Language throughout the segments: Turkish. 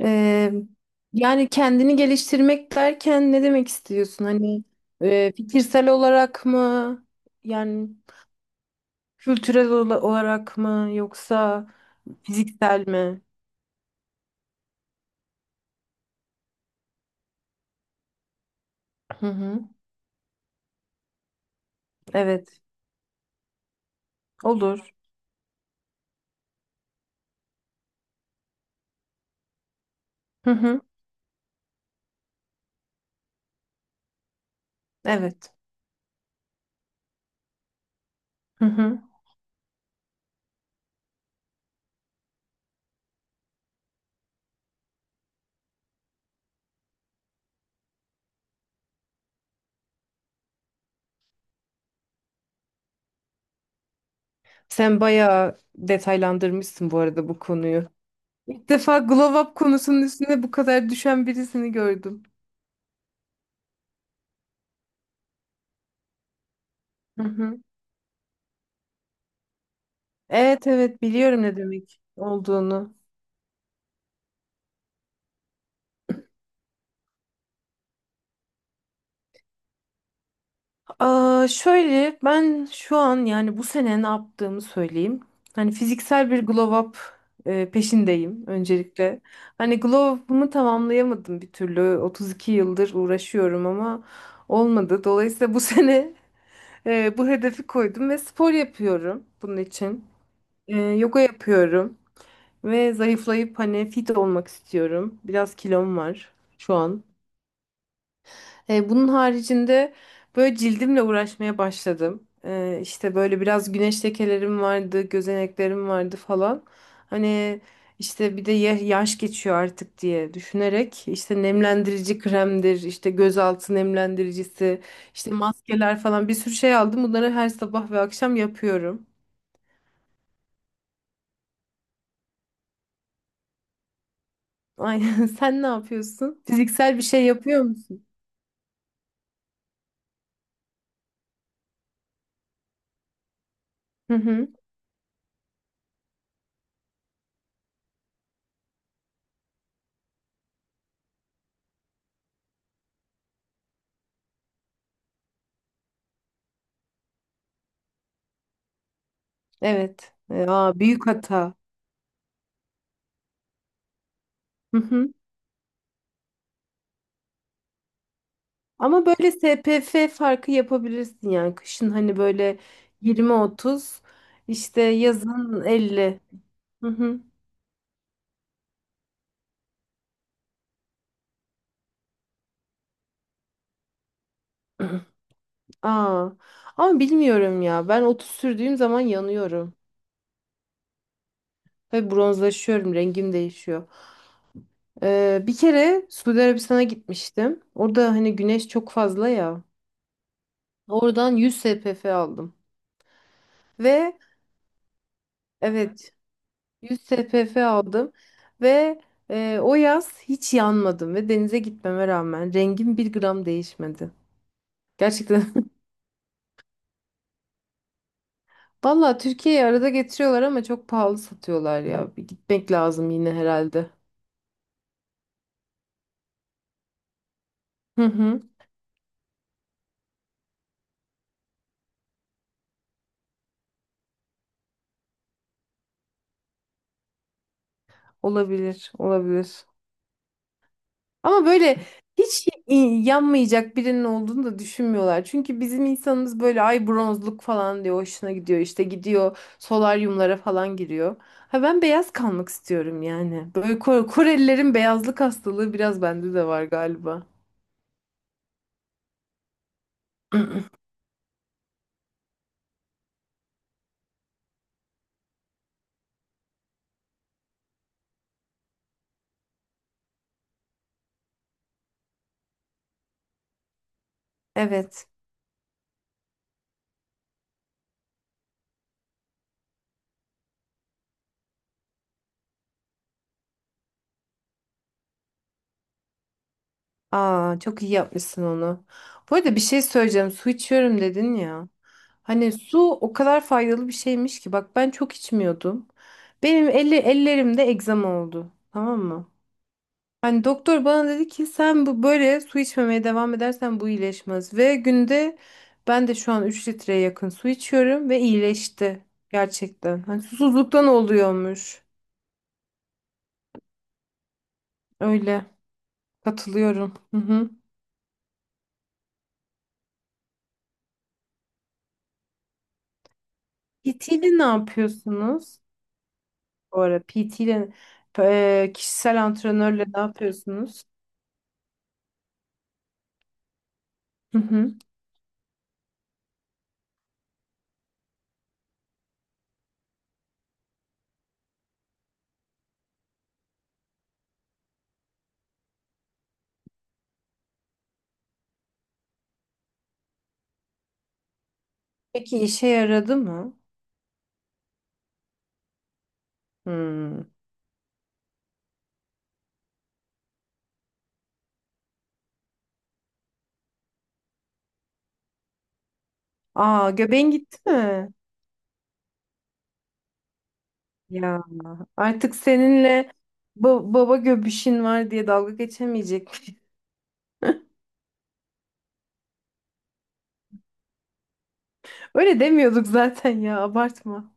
Ee, Yani kendini geliştirmek derken ne demek istiyorsun? Hani fikirsel olarak mı? Yani kültürel olarak mı? Yoksa fiziksel mi? Hı hı. Evet. Olur. Hı hı. Evet. Hı hı. Sen bayağı detaylandırmışsın bu arada bu konuyu. İlk defa glow up konusunun üstüne bu kadar düşen birisini gördüm. Hı hı. Evet, evet, biliyorum ne demek olduğunu. Aa, şöyle ben şu an yani bu sene ne yaptığımı söyleyeyim. Hani fiziksel bir glow up peşindeyim öncelikle. Hani glow up'ımı tamamlayamadım bir türlü. 32 yıldır uğraşıyorum ama olmadı. Dolayısıyla bu sene bu hedefi koydum ve spor yapıyorum bunun için. Yoga yapıyorum ve zayıflayıp hani fit olmak istiyorum. Biraz kilom var şu an. Bunun haricinde böyle cildimle uğraşmaya başladım. İşte böyle biraz güneş lekelerim vardı, gözeneklerim vardı falan. Hani işte bir de yaş geçiyor artık diye düşünerek işte nemlendirici kremdir, işte gözaltı nemlendiricisi, işte maskeler falan bir sürü şey aldım. Bunları her sabah ve akşam yapıyorum. Aynen. Sen ne yapıyorsun? Fiziksel bir şey yapıyor musun? Hı hı. Evet. Aa, büyük hata. Hı hı. Ama böyle SPF farkı yapabilirsin yani. Kışın hani böyle 20-30, işte yazın 50. Hı hı. Aa. Ama bilmiyorum ya. Ben 30 sürdüğüm zaman yanıyorum. Ve bronzlaşıyorum. Rengim değişiyor. Bir kere Suudi Arabistan'a gitmiştim. Orada hani güneş çok fazla ya. Oradan 100 SPF aldım. Ve evet, 100 SPF aldım ve o yaz hiç yanmadım ve denize gitmeme rağmen rengim bir gram değişmedi. Gerçekten. Valla Türkiye'yi arada getiriyorlar ama çok pahalı satıyorlar ya. Bir gitmek lazım yine herhalde. Hı hı. Olabilir, olabilir. Ama böyle hiç yanmayacak birinin olduğunu da düşünmüyorlar. Çünkü bizim insanımız böyle ay bronzluk falan diyor, hoşuna gidiyor. İşte gidiyor, solaryumlara falan giriyor. Ha, ben beyaz kalmak istiyorum yani. Böyle Korelilerin beyazlık hastalığı biraz bende de var galiba. Evet. Aa, çok iyi yapmışsın onu. Bu arada bir şey söyleyeceğim. Su içiyorum dedin ya. Hani su o kadar faydalı bir şeymiş ki. Bak ben çok içmiyordum. Benim ellerimde egzama oldu. Tamam mı? Hani doktor bana dedi ki, sen bu böyle su içmemeye devam edersen bu iyileşmez. Ve günde ben de şu an 3 litreye yakın su içiyorum ve iyileşti gerçekten. Hani susuzluktan oluyormuş. Öyle, katılıyorum. Hı hı. PT ile ne yapıyorsunuz? Bu ara PT ile kişisel antrenörle ne yapıyorsunuz? Hı hı. Peki işe yaradı mı? Hmm. Aa, göbeğin gitti mi? Ya artık seninle baba göbüşün var diye dalga geçemeyecek miyim? Öyle demiyorduk zaten ya, abartma.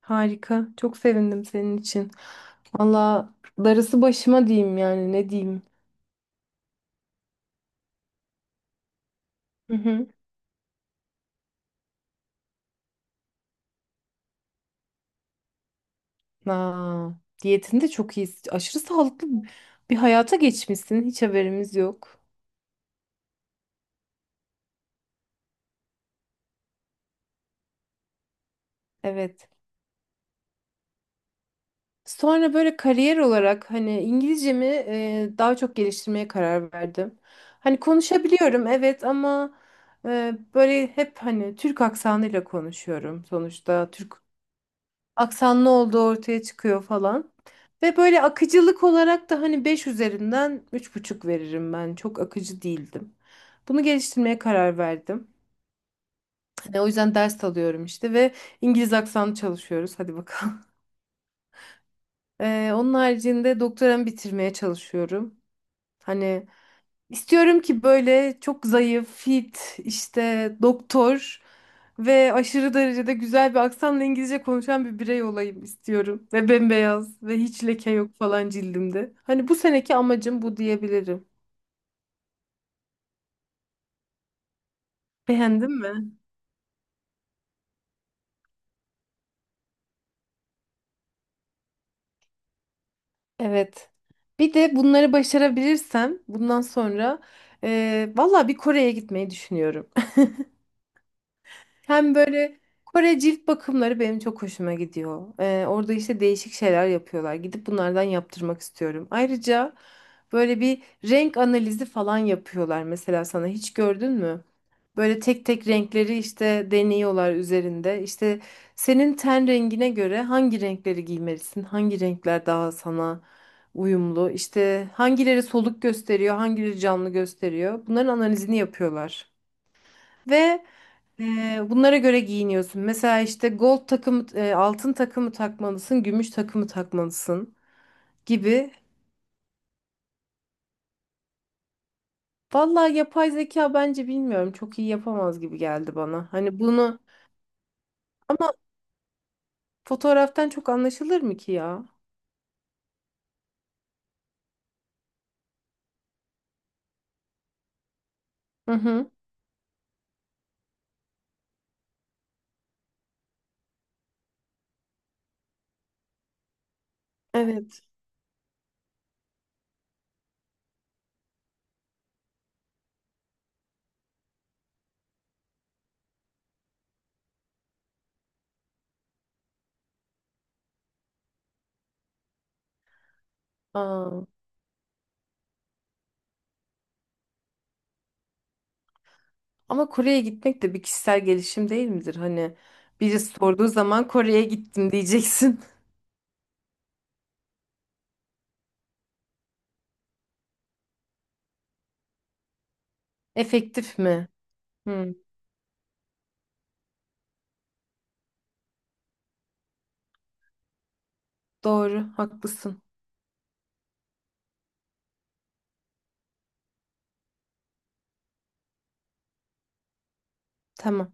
Harika. Çok sevindim senin için. Valla, darısı başıma diyeyim yani, ne diyeyim. Hı hı. Aa, diyetin de çok iyi. Aşırı sağlıklı bir hayata geçmişsin. Hiç haberimiz yok. Evet. Sonra böyle kariyer olarak hani İngilizcemi daha çok geliştirmeye karar verdim. Hani konuşabiliyorum, evet, ama böyle hep hani Türk aksanıyla konuşuyorum sonuçta. Türk aksanlı olduğu ortaya çıkıyor falan. Ve böyle akıcılık olarak da hani 5 üzerinden 3,5 veririm ben. Çok akıcı değildim. Bunu geliştirmeye karar verdim. Hani o yüzden ders alıyorum işte ve İngiliz aksanı çalışıyoruz. Hadi bakalım. Onun haricinde doktoramı bitirmeye çalışıyorum. Hani istiyorum ki böyle çok zayıf, fit, işte doktor ve aşırı derecede güzel bir aksanla İngilizce konuşan bir birey olayım istiyorum. Ve bembeyaz ve hiç leke yok falan cildimde. Hani bu seneki amacım bu diyebilirim. Beğendin mi? Evet. Bir de bunları başarabilirsem bundan sonra valla bir Kore'ye gitmeyi düşünüyorum. Hem böyle Kore cilt bakımları benim çok hoşuma gidiyor. Orada işte değişik şeyler yapıyorlar. Gidip bunlardan yaptırmak istiyorum. Ayrıca böyle bir renk analizi falan yapıyorlar mesela sana, hiç gördün mü? Böyle tek tek renkleri işte deniyorlar üzerinde. İşte senin ten rengine göre hangi renkleri giymelisin? Hangi renkler daha sana uyumlu? İşte hangileri soluk gösteriyor, hangileri canlı gösteriyor? Bunların analizini yapıyorlar. Ve bunlara göre giyiniyorsun. Mesela işte gold takımı, altın takımı takmalısın, gümüş takımı takmalısın gibi. Vallahi yapay zeka bence, bilmiyorum, çok iyi yapamaz gibi geldi bana. Hani bunu ama fotoğraftan çok anlaşılır mı ki ya? Hı hı. Evet. Aa, ama Kore'ye gitmek de bir kişisel gelişim değil midir? Hani birisi sorduğu zaman Kore'ye gittim diyeceksin. Efektif mi? Hı, doğru, haklısın. Tamam.